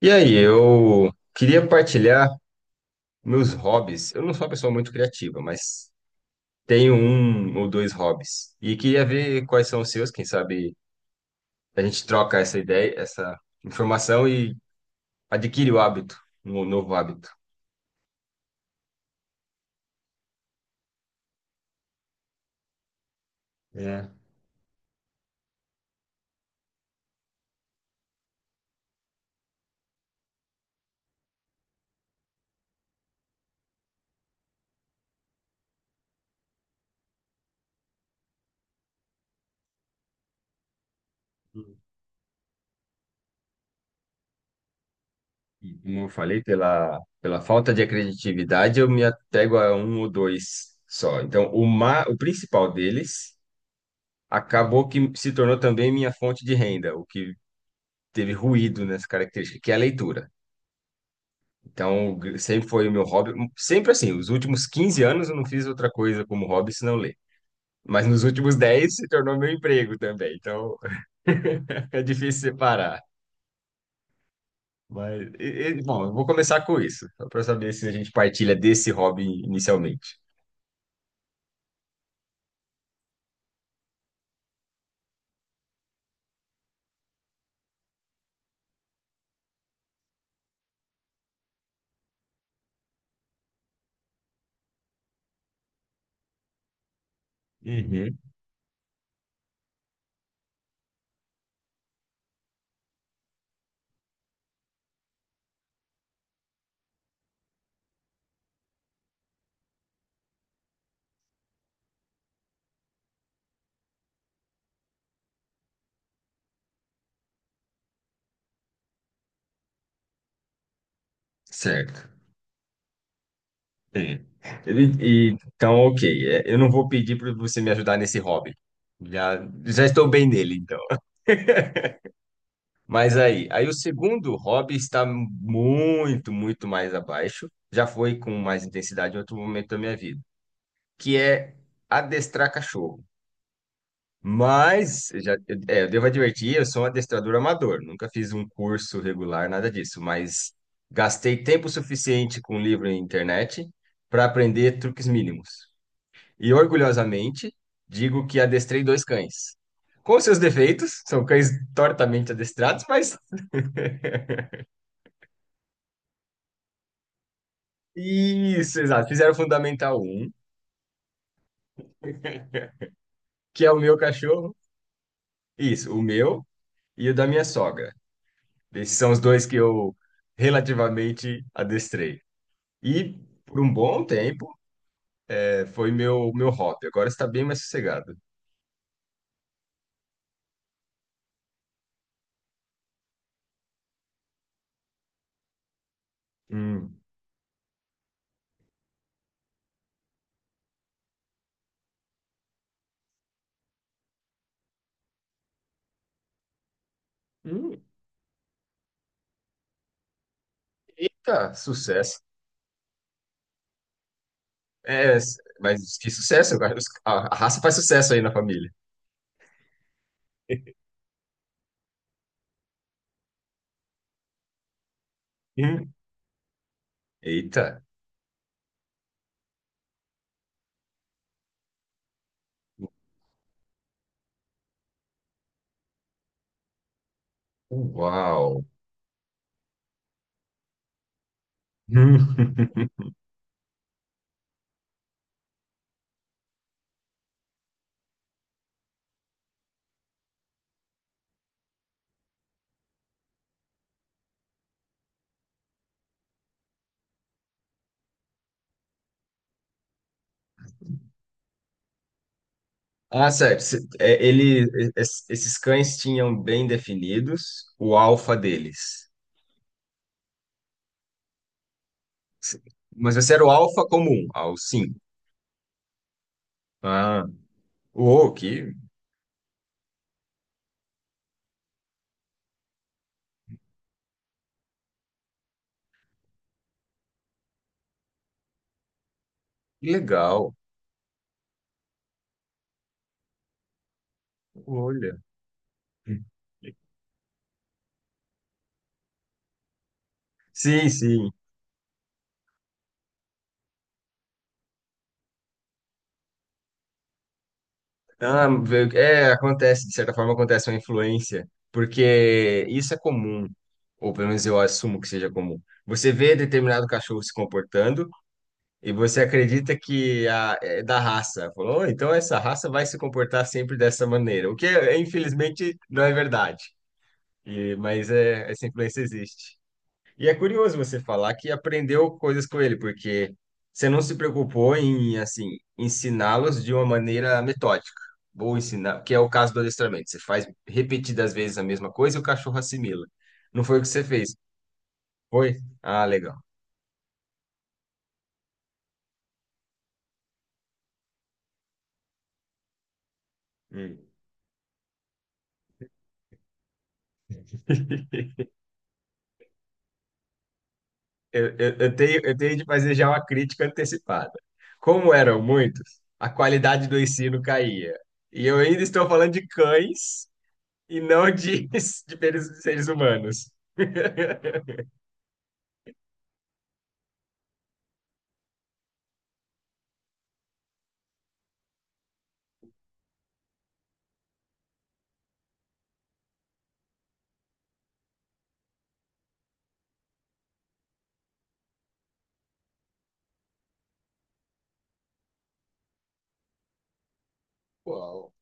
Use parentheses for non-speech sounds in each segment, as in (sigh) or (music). E aí, eu queria partilhar meus hobbies. Eu não sou uma pessoa muito criativa, mas tenho um ou dois hobbies. E queria ver quais são os seus, quem sabe a gente troca essa ideia, essa informação e adquire o hábito, um novo hábito. É. E como eu falei, pela falta de criatividade, eu me apego a um ou dois só. Então, o principal deles acabou que se tornou também minha fonte de renda, o que teve ruído nessa característica, que é a leitura. Então, sempre foi o meu hobby. Sempre assim, os últimos 15 anos eu não fiz outra coisa como hobby senão ler. Mas nos últimos 10 se tornou meu emprego também. Então, (laughs) é difícil separar. Mas, bom, eu vou começar com isso, só para saber se a gente partilha desse hobby inicialmente. Uhum. Certo. É. E- então, ok. Eu não vou pedir para você me ajudar nesse hobby. Já, já estou bem nele, então. Mas aí o segundo hobby está muito, muito mais abaixo. Já foi com mais intensidade em outro momento da minha vida, que é adestrar cachorro. Mas já, eu devo advertir, eu sou um adestrador amador, nunca fiz um curso regular, nada disso, mas gastei tempo suficiente com livro e internet para aprender truques mínimos. E orgulhosamente digo que adestrei dois cães. Com seus defeitos, são cães tortamente adestrados, mas. Isso, exato. Fizeram o Fundamental um, que é o meu cachorro. Isso, o meu e o da minha sogra. Esses são os dois que eu relativamente adestrei. E por um bom tempo foi meu hobby. Agora está bem mais sossegado. Hum. Hum. Eita, sucesso. É, mas que sucesso, cara. A raça faz sucesso aí na família. (laughs) Hum. Eita. Uau. Hum. (laughs) Ah, certo. Esses cães tinham bem definidos o alfa deles. Se- Mas esse era o alfa comum, o cinco. Ah, uou, que legal. Olha. Sim, sim. Ah, acontece, de certa forma acontece uma influência, porque isso é comum, ou pelo menos eu assumo que seja comum. Você vê determinado cachorro se comportando, e você acredita que é da raça? Falou, "Oh, então essa raça vai se comportar sempre dessa maneira." O que, infelizmente, não é verdade. E, mas essa influência existe. E é curioso você falar que aprendeu coisas com ele, porque você não se preocupou em, assim, ensiná-los de uma maneira metódica. Vou ensinar, que é o caso do adestramento. Você faz repetidas vezes a mesma coisa e o cachorro assimila. Não foi o que você fez, foi? Ah, legal. Hum. (laughs) Eu tenho de fazer já uma crítica antecipada. Como eram muitos, a qualidade do ensino caía. E eu ainda estou falando de cães e não de, (laughs) de seres humanos. (laughs) Uau.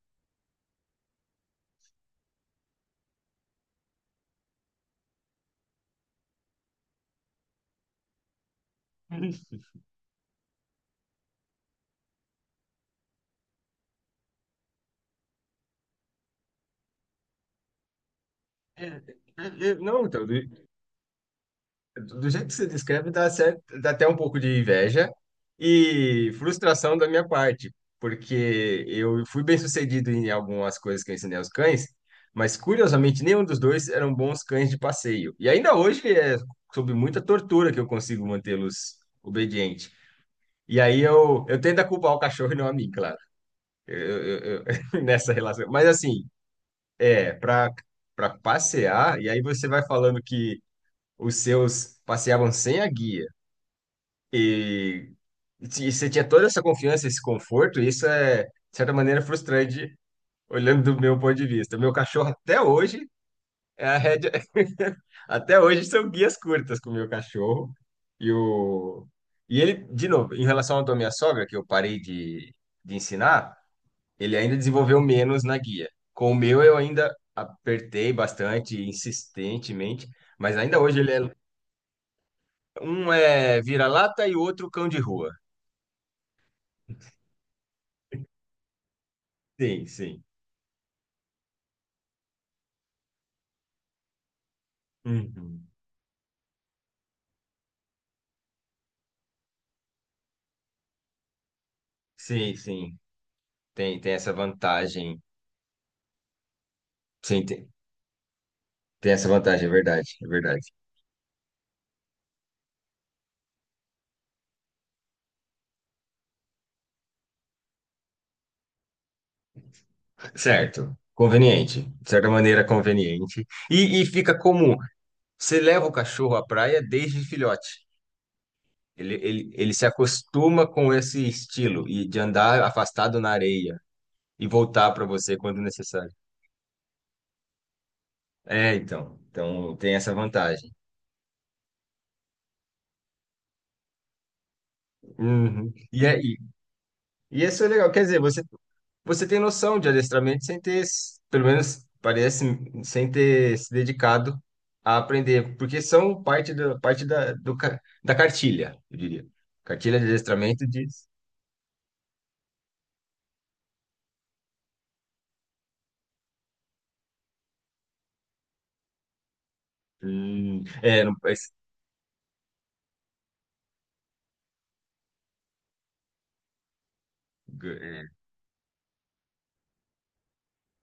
É, é, é, não, então, do jeito que você descreve, dá certo, dá até um pouco de inveja e frustração da minha parte, porque eu fui bem sucedido em algumas coisas que eu ensinei aos cães, mas curiosamente nenhum dos dois eram bons cães de passeio. E ainda hoje é sob muita tortura que eu consigo mantê-los obedientes. E aí eu tento a culpar o cachorro e não a mim, claro, eu (laughs) nessa relação. Mas assim, para passear, e aí você vai falando que os seus passeavam sem a guia. E, se você tinha toda essa confiança, esse conforto, isso é, de certa maneira, frustrante, olhando do meu ponto de vista. Meu cachorro, até hoje, é a rédea. (laughs) Até hoje são guias curtas com o meu cachorro. E, o... e ele, de novo, em relação à tua minha sogra, que eu parei de ensinar, ele ainda desenvolveu menos na guia. Com o meu, eu ainda apertei bastante, insistentemente, mas ainda hoje ele é. Um é vira-lata e o outro cão de rua. Sim, sim. Uhum. Sim, sim. Tem essa vantagem. Sim, tem essa vantagem, é verdade, é verdade. Certo. Conveniente. De certa maneira, conveniente. E fica comum. Você leva o cachorro à praia desde filhote. Ele se acostuma com esse estilo e de andar afastado na areia e voltar para você quando necessário. É, então. Então, tem essa vantagem. Uhum. E isso é legal. Quer dizer, você tem noção de adestramento sem ter, pelo menos parece, sem ter se dedicado a aprender, porque são parte da cartilha, eu diria. Cartilha de adestramento diz. Não. é,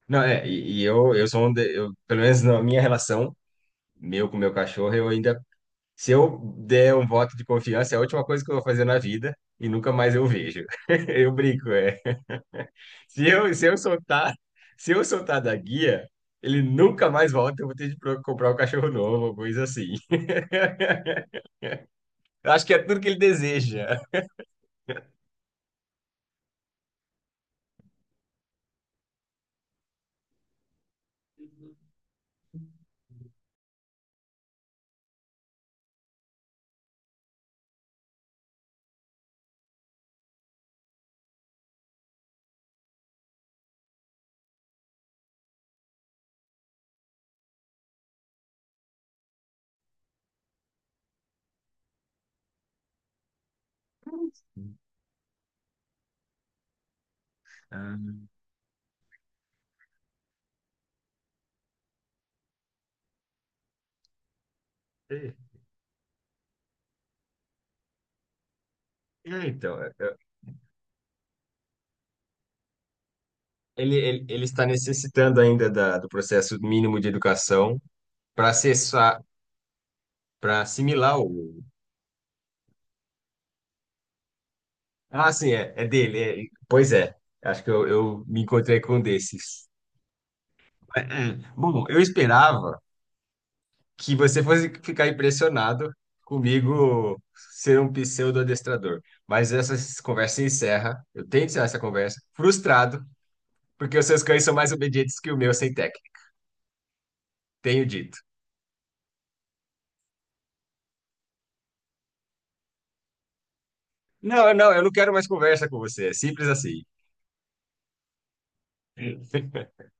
não, eu sou um, eu, pelo menos na minha relação, meu com meu cachorro, eu ainda, se eu der um voto de confiança, é a última coisa que eu vou fazer na vida e nunca mais eu vejo. (laughs) Eu brinco, é. Se eu, se eu soltar, se eu soltar da guia, ele nunca mais volta, eu vou ter de comprar um cachorro novo, ou coisa assim. (laughs) Eu acho que é tudo que ele deseja. Ah, é, então, ele está necessitando ainda da, do processo mínimo de educação para acessar, para assimilar o. Ah, sim, é dele. Pois é, acho que eu me encontrei com um desses. É, é, bom, eu esperava que você fosse ficar impressionado comigo ser um pseudo-adestrador. Mas essa conversa se encerra. Eu tenho que encerrar essa conversa. Frustrado, porque os seus cães são mais obedientes que o meu sem técnica. Tenho dito. Não, não, eu não quero mais conversa com você. É simples assim. (laughs)